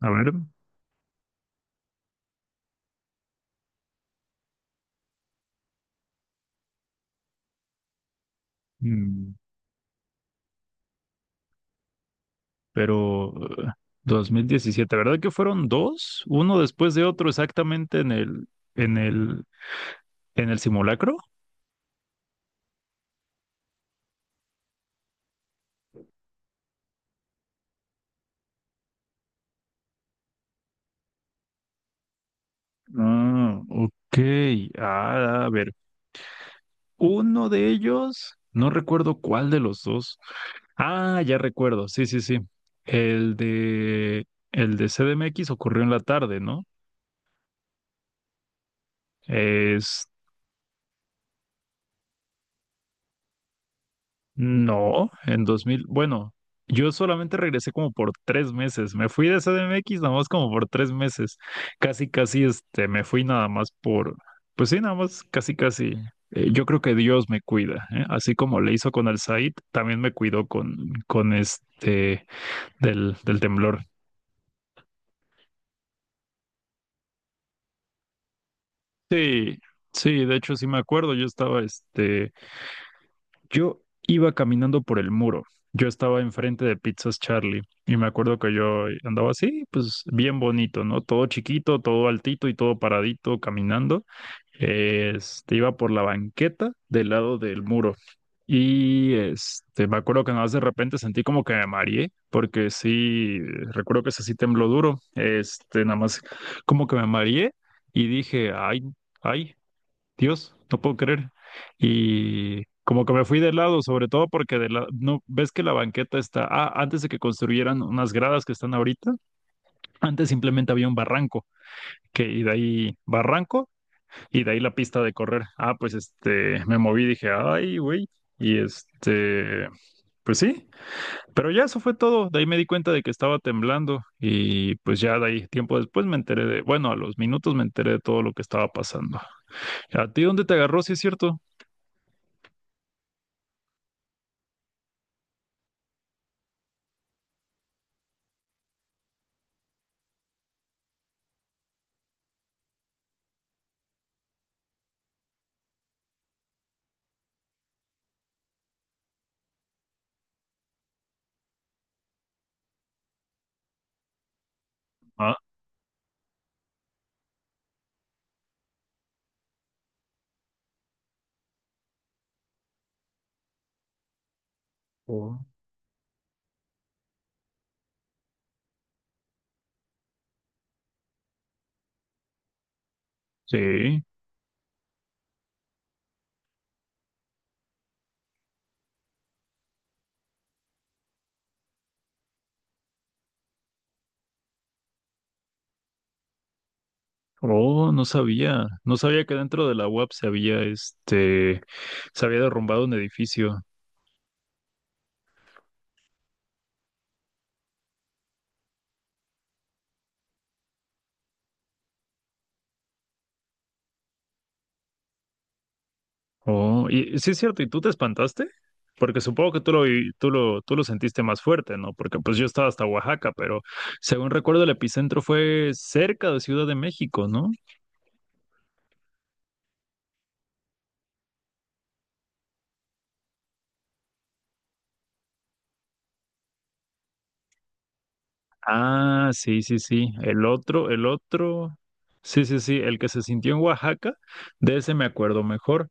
A ver, mm, pero eh, 2017, ¿verdad que fueron dos? Uno después de otro exactamente en el, en el, en el simulacro. Ah, ok. Ah, a ver, uno de ellos, no recuerdo cuál de los dos. Ah, ya recuerdo, sí, sí, sí. El de, el de CDMX ocurrió en la tarde, ¿no? No, en 2000. Bueno, yo solamente regresé como por 3 meses, me fui de C D M X nada más como por 3 meses, casi casi este, me fui nada más por, pues sí, nada más casi casi, yo creo que Dios me cuida, ¿eh? Así como le hizo con el Said, también me cuidó con este, del, del temblor. Sí, sí, de hecho sí me acuerdo, yo estaba este Yo Iba caminando por el muro. Yo estaba enfrente de Pizzas Charlie y me acuerdo que yo andaba así, pues bien bonito, ¿no? Todo chiquito, todo altito y todo paradito caminando. Este, iba por la banqueta del lado del muro. Y este, me acuerdo que nada más de repente sentí como que me mareé, porque sí, recuerdo que ese sí tembló duro. Este, nada más como que me mareé y dije, ay, ay. Dios, no puedo creer. Y como que me fui de lado, sobre todo porque de la, no, ves que la banqueta está, ah, antes de que construyeran unas gradas que están ahorita, antes simplemente había un barranco, que y de ahí barranco y de ahí la pista de correr. Ah, pues este, me moví, dije, ay, güey, y este, pues sí, pero ya eso fue todo. De ahí me di cuenta de que estaba temblando y pues ya de ahí, tiempo después me enteré de, bueno, a los minutos me enteré de todo lo que estaba pasando. ¿A ti dónde te agarró, si es cierto? Oh. Sí. Oh, no sabía. No sabía que dentro de la UAP se había, este, se había derrumbado un edificio. Oh, y sí es cierto, ¿y tú te espantaste? Porque supongo que tú lo, vi- tú lo sentiste más fuerte, ¿no? Porque pues yo estaba hasta Oaxaca, pero según recuerdo el epicentro fue cerca de Ciudad de México, ¿no? Ah, sí, sí, sí. El otro, el otro. Sí, sí, sí. El que se sintió en Oaxaca, de ese me acuerdo mejor.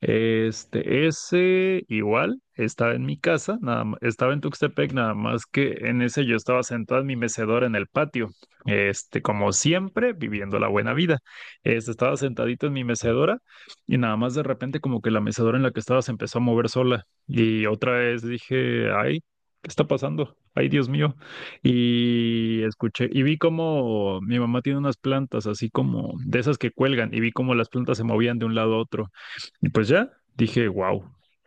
Este, ese igual estaba en mi casa, nada, ma- estaba en Tuxtepec, nada más que en ese yo estaba sentado en mi mecedora en el patio. Este, como siempre, viviendo la buena vida. Este, estaba sentadito en mi mecedora y nada más de repente como que la mecedora en la que estaba se empezó a mover sola. Y otra vez dije, ay, ¿qué está pasando? Ay, Dios mío. Y escuché, y vi como mi mamá tiene unas plantas así como de esas que cuelgan, y vi como las plantas se movían de un lado a otro. Y pues ya, dije, wow.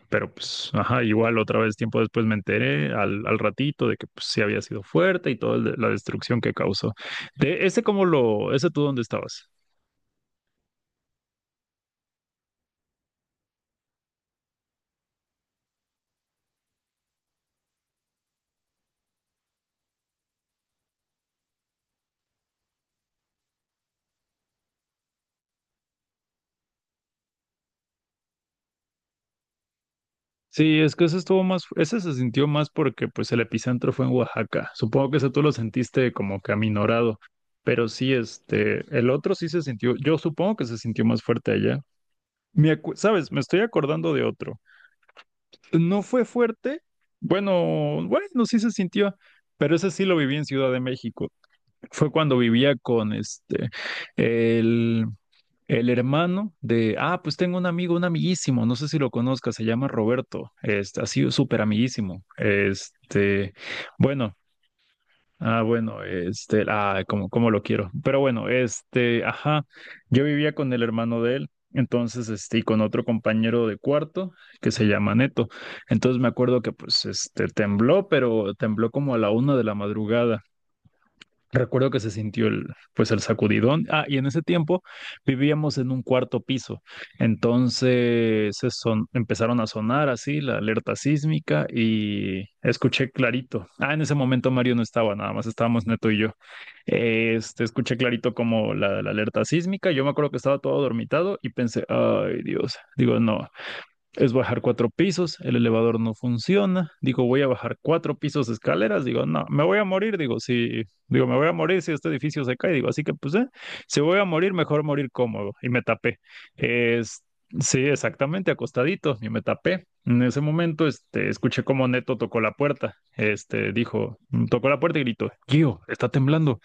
Pero pues, ajá, igual otra vez tiempo después me enteré al, al ratito de que pues, sí había sido fuerte y toda la destrucción que causó. De ese, cómo lo, ¿ese tú dónde estabas? Sí, es que ese estuvo más, ese se sintió más porque pues el epicentro fue en Oaxaca. Supongo que ese tú lo sentiste como que aminorado, pero sí, este, el otro sí se sintió, yo supongo que se sintió más fuerte allá. Me acu- ¿sabes? Me estoy acordando de otro. No fue fuerte, bueno, bueno, sí se sintió, pero ese sí lo viví en Ciudad de México. Fue cuando vivía con este, el, el hermano de, ah, pues tengo un amigo, un amiguísimo, no sé si lo conozcas, se llama Roberto, este, ha sido súper amiguísimo, este, bueno, ah, bueno, este, ah, como, como lo quiero, pero bueno, este, ajá, yo vivía con el hermano de él, entonces, este, y con otro compañero de cuarto que se llama Neto, entonces me acuerdo que, pues, este, tembló, pero tembló como a la una de la madrugada. Recuerdo que se sintió el, pues el sacudidón. Ah, y en ese tiempo vivíamos en un cuarto piso. Entonces se son, empezaron a sonar así la alerta sísmica y escuché clarito. Ah, en ese momento Mario no estaba, nada más estábamos Neto y yo. Este, escuché clarito como la alerta sísmica. Yo me acuerdo que estaba todo dormitado y pensé, ay Dios, digo, no, es bajar 4 pisos, el elevador no funciona, digo, voy a bajar 4 pisos de escaleras, digo, no, me voy a morir, digo, si, digo, me voy a morir si este edificio se cae, digo, así que pues, si voy a morir, mejor morir cómodo, y me tapé. Es, sí, exactamente, acostadito, y me tapé. En ese momento, este, escuché cómo Neto tocó la puerta, este, dijo, tocó la puerta y gritó, Gio, está temblando.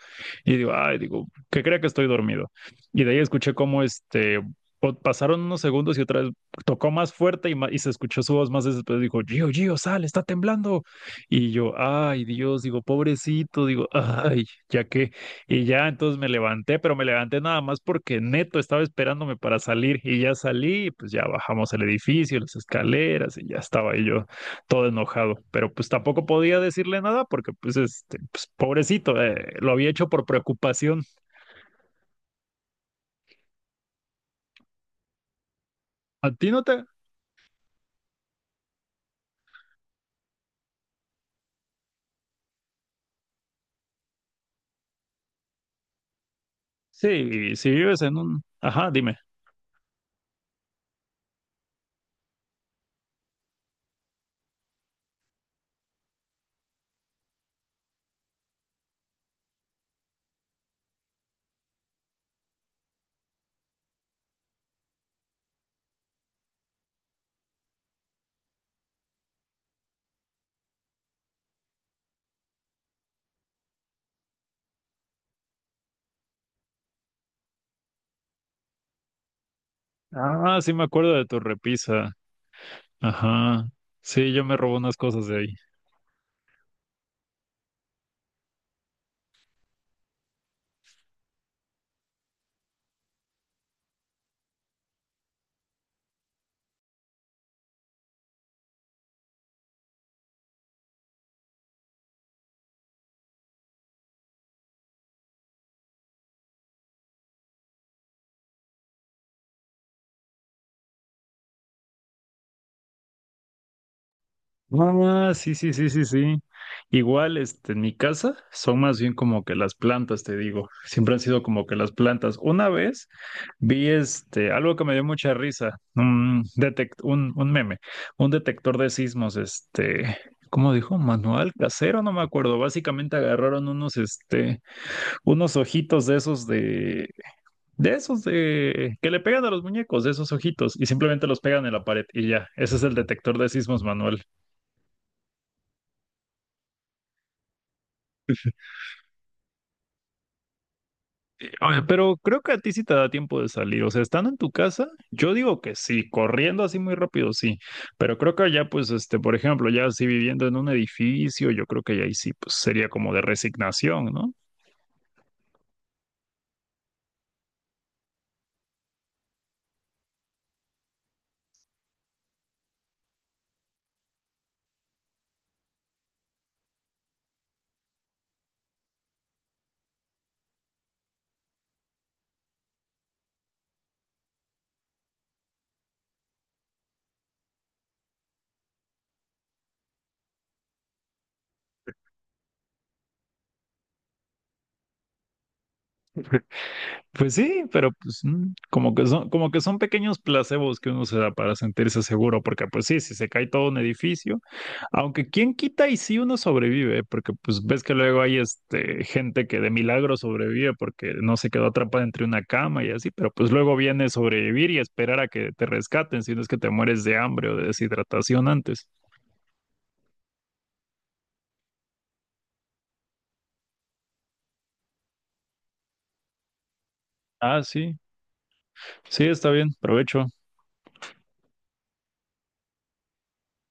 Y digo, ay, digo, que crea que estoy dormido. Y de ahí escuché cómo este, po- pasaron unos segundos y otra vez tocó más fuerte y, ma- y se escuchó su voz más después. Dijo, Gio, Gio, sal, está temblando. Y yo, ay, Dios, digo, pobrecito, digo, ay, ya que. Y ya entonces me levanté, pero me levanté nada más porque Neto estaba esperándome para salir y ya salí, y pues ya bajamos el edificio, las escaleras y ya estaba ahí yo todo enojado. Pero pues tampoco podía decirle nada porque pues, este, pues pobrecito, lo había hecho por preocupación. ¿A ti no te? Sí, si vives en un... Ajá, dime. Ah, sí me acuerdo de tu repisa. Ajá. Sí, yo me robé unas cosas de ahí. Ah, sí, sí, sí, sí, sí. Igual, este, en mi casa son más bien como que las plantas, te digo. Siempre han sido como que las plantas. Una vez vi este, algo que me dio mucha risa, un detect, un meme, un detector de sismos, este, ¿cómo dijo? Manual casero, no me acuerdo. Básicamente agarraron unos, este, unos ojitos de esos, de que le pegan a los muñecos, de esos ojitos, y simplemente los pegan en la pared y ya. Ese es el detector de sismos manual. Oye, pero creo que a ti sí te da tiempo de salir. O sea, estando en tu casa, yo digo que sí, corriendo así muy rápido, sí. Pero creo que allá, pues, este, por ejemplo, ya así viviendo en un edificio, yo creo que ya ahí sí, pues sería como de resignación, ¿no? Pues sí, pero pues como que son pequeños placebos que uno se da para sentirse seguro, porque pues sí, si se cae todo un edificio, aunque quién quita y si uno sobrevive, porque pues ves que luego hay este gente que de milagro sobrevive porque no se quedó atrapada entre una cama y así, pero pues luego viene sobrevivir y esperar a que te rescaten, si no es que te mueres de hambre o de deshidratación antes. Ah, sí, sí, está bien, provecho.